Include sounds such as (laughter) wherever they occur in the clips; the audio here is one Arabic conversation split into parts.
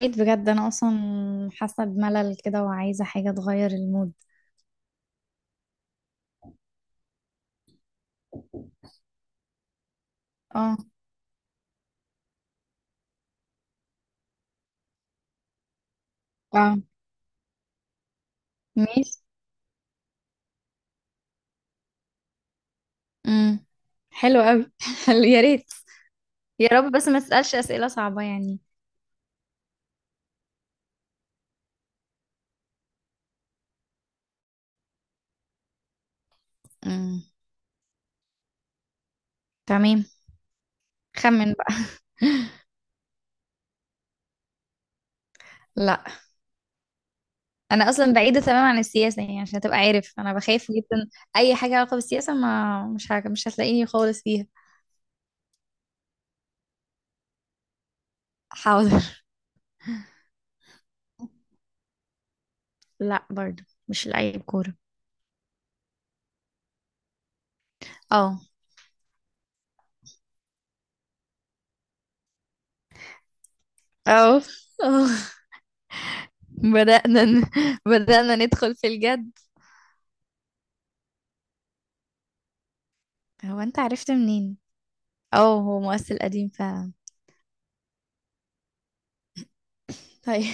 بقيت بجد انا اصلا، حاسه بملل كده وعايزه حاجه تغير المود. اه اه، ماشي، امم حلو قوي. (laughs) حلو، يا ريت. يا رب بس ما تسالش اسئله صعبه يعني. امم تمام. خمن بقى. (laughs) لا، انا اصلا بعيده تماما عن السياسه يعني، عشان تبقى عارف انا بخاف جدا اي حاجه علاقه بالسياسه. ما مش حاجة، مش هتلاقيني خالص فيها. حاضر. (laughs) لا، برضو مش لعيب كوره. اه. اه. (laughs) اه. بدأنا ن... (laughs) بدأنا ندخل في الجد. هو انت عرفت منين؟ اه، هو مؤثر قديم فعلا. طيب،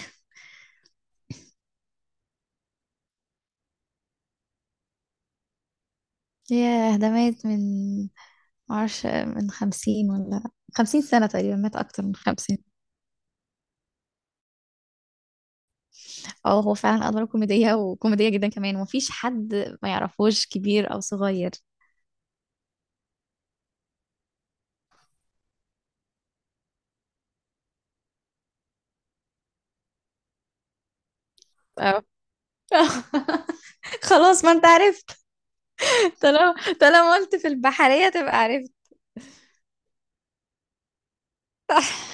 ياه ده مات من، معرفش، من 50 ولا، 50 سنة تقريبا، مات أكتر من 50. اه، هو فعلا أدواره كوميدية وكوميدية جدا كمان، ومفيش حد ما يعرفوش كبير أو صغير. اه. (laughs) خلاص، ما انت عرفت. طالما طالما قلت في البحرية، تبقى عرفت. (laughs)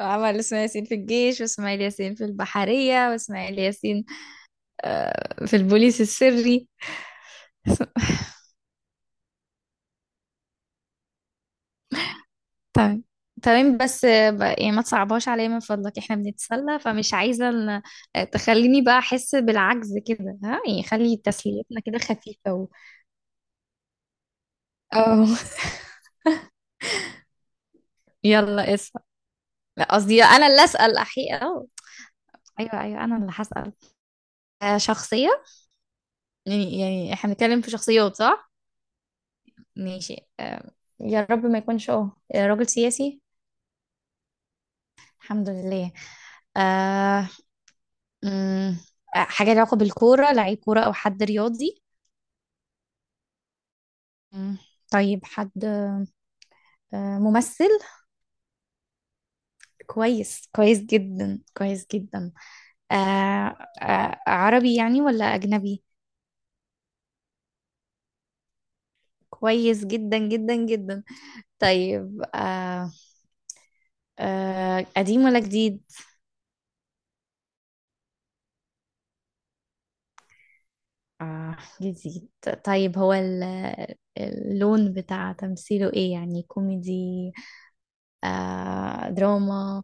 عمل اسماعيل ياسين في الجيش، واسماعيل ياسين في البحرية، واسماعيل ياسين في البوليس السري. تمام. تمام بس يعني ما تصعبهاش عليا من فضلك، احنا بنتسلى، فمش عايزة تخليني بقى احس بالعجز كده، ها يعني خلي تسليتنا كده خفيفة اه. (laughs) يلا اسأل. لا، قصدي انا اللي اسأل احقيقة. اه، ايوه ايوه، انا اللي هسأل. شخصية، يعني يعني احنا بنتكلم في شخصيات، صح؟ ماشي. يا رب ما يكونش راجل سياسي. الحمد لله. آه، مم، حاجة لها علاقة بالكورة، لعيب كورة أو حد رياضي. مم، طيب، حد ممثل. كويس، كويس جدا، كويس جدا. آه، عربي يعني ولا أجنبي؟ كويس جدا جدا جدا. طيب. قديم ولا جديد؟ جديد. طيب، هو اللون بتاع تمثيله ايه، يعني كوميدي، دراما؟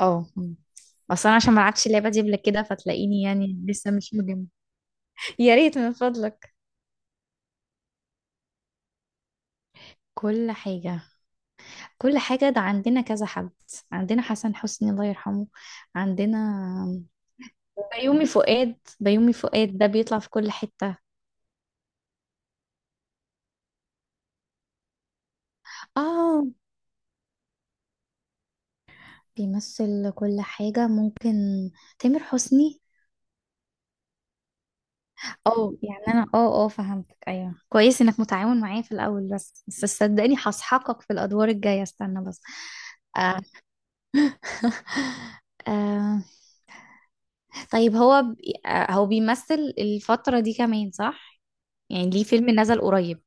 اه، مم. اصلا أنا عشان ما لعبتش اللعبة دي قبل كده، فتلاقيني يعني لسه مش مجمع. يا ريت من فضلك. كل حاجة، كل حاجة؟ ده عندنا كذا حد، عندنا حسن حسني الله يرحمه، عندنا بيومي فؤاد، بيومي فؤاد ده بيطلع في كل حتة. اه، بيمثل كل حاجة ممكن. تامر حسني؟ اه، يعني انا فهمتك، ايوه، كويس انك متعاون معايا في الاول، بس بس صدقني هسحقك في الادوار الجاية، استنى بس. آه. طيب، هو بي... آه، هو بيمثل الفترة دي كمان، صح؟ يعني ليه فيلم نزل قريب.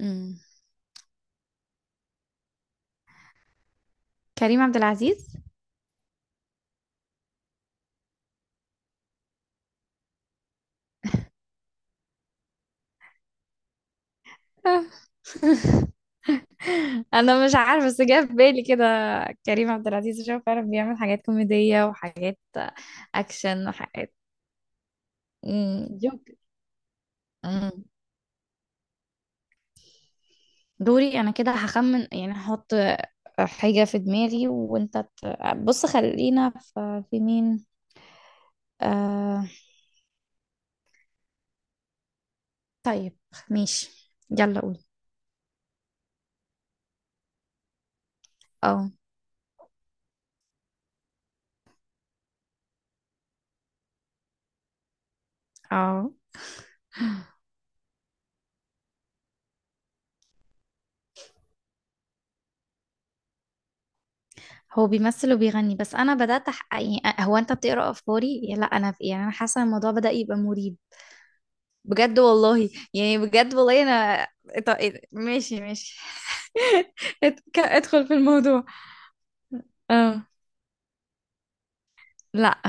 امم كريم عبد العزيز. (laughs) (laughs) انا مش عارفه، بس جه في بالي كده. كريم عبد العزيز عشان هو فعلا بيعمل حاجات كوميديه وحاجات اكشن وحاجات. جوك. مم. دوري انا، كده هخمن يعني، هحط حاجه في دماغي وانت بص، خلينا في, مين. آه... طيب، ماشي، يلا قول. اه. اه. هو بيمثل وبيغني، بس انا بدات يعني هو انت بتقرا افكاري؟ لا انا يعني، انا حاسه الموضوع بدا يبقى مريب. بجد والله يعني، بجد والله انا. طب إيه ده؟ ماشي ماشي. (laughs) ادخل في الموضوع. اه. لا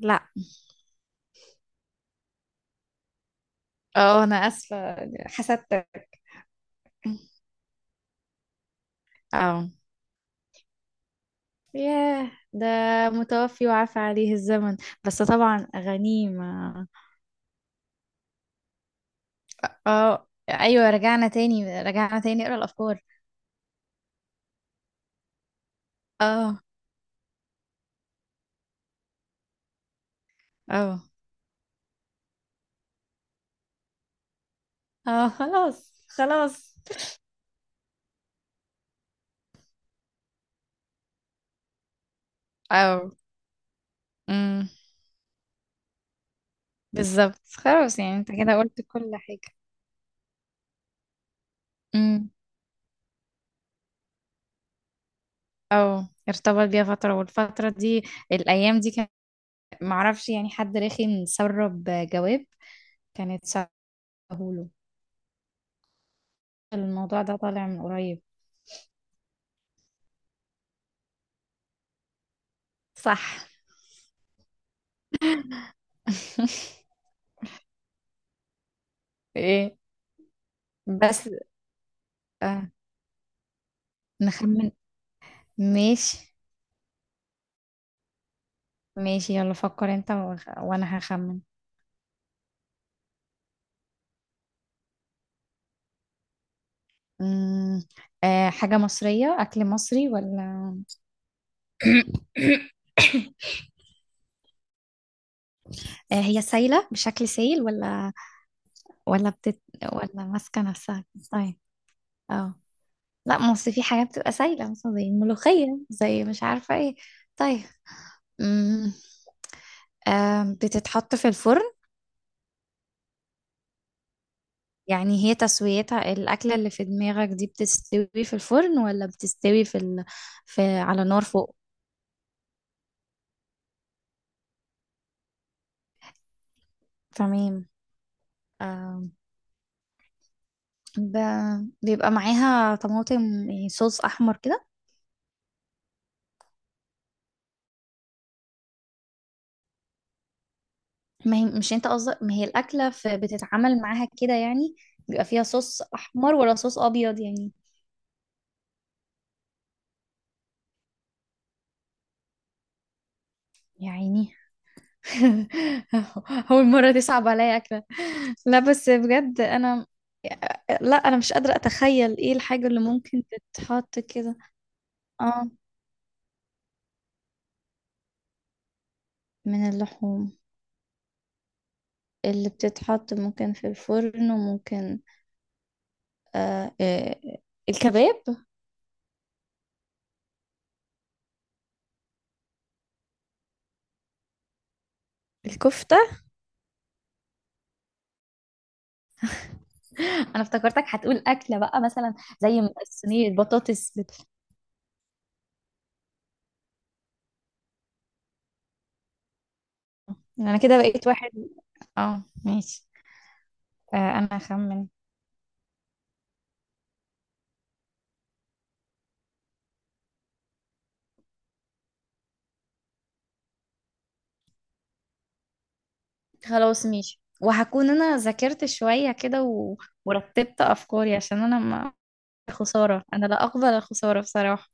لا. اه، انا اسفة حسدتك. اه. ياه، ده متوفي وعفى عليه الزمن. بس طبعا غنيمة. اه، ايوه، رجعنا تاني، رجعنا تاني اقرا الافكار. اه. اه. اه. خلاص خلاص. اه. امم بالظبط خلاص، يعني انت كده قلت كل حاجة. اه، ارتبط بيها فترة، والفترة دي، الأيام دي، كان معرفش يعني حد رخم سرب جواب. كانت سهوله. الموضوع ده طالع من قريب. صح. (laughs) ايه بس؟ آه. نخمن. ماشي. ماشي، يلا فكر انت وانا هخمن. مم. آه، حاجة مصرية؟ أكل مصري ولا؟ (coughs) آه، هي سايلة بشكل سايل، ولا بتت... ولا ماسكة نفسها؟ طيب. اه، لا، ما اصل في حاجات بتبقى سايلة، مثلا زي الملوخية زي مش عارفة ايه. طيب. أمم، آم، بتتحط في الفرن؟ يعني هي تسويتها، الأكلة اللي في دماغك دي، بتستوي في الفرن ولا بتستوي في، في على نار فوق؟ تمام. آم، ب... بيبقى معاها طماطم يعني، صوص أحمر كده؟ ما هي مش انت قصدك، ما هي الأكلة بتتعامل معاها كده يعني، بيبقى فيها صوص أحمر ولا صوص أبيض يعني؟ يعني (laughs) أول مرة دي صعبة عليا أكله. لا بس بجد أنا، لا أنا مش قادرة أتخيل إيه الحاجة اللي ممكن تتحط كده. آه. من اللحوم؟ اللي بتتحط ممكن في الفرن وممكن، آه آه، الكباب، الكفتة. انا افتكرتك هتقول اكله بقى مثلا، زي صينيه بطاطس أنا كده بقيت واحد. آه، ماشي. آه، أنا هخمن. خلاص ماشي، وهكون انا ذاكرت شوية كده ورتبت افكاري عشان انا ما. خسارة، انا لا اقبل الخسارة بصراحة.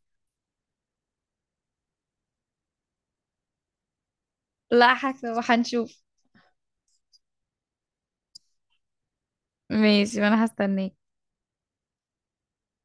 لا حك... وهنشوف. ماشي، وانا هستناك.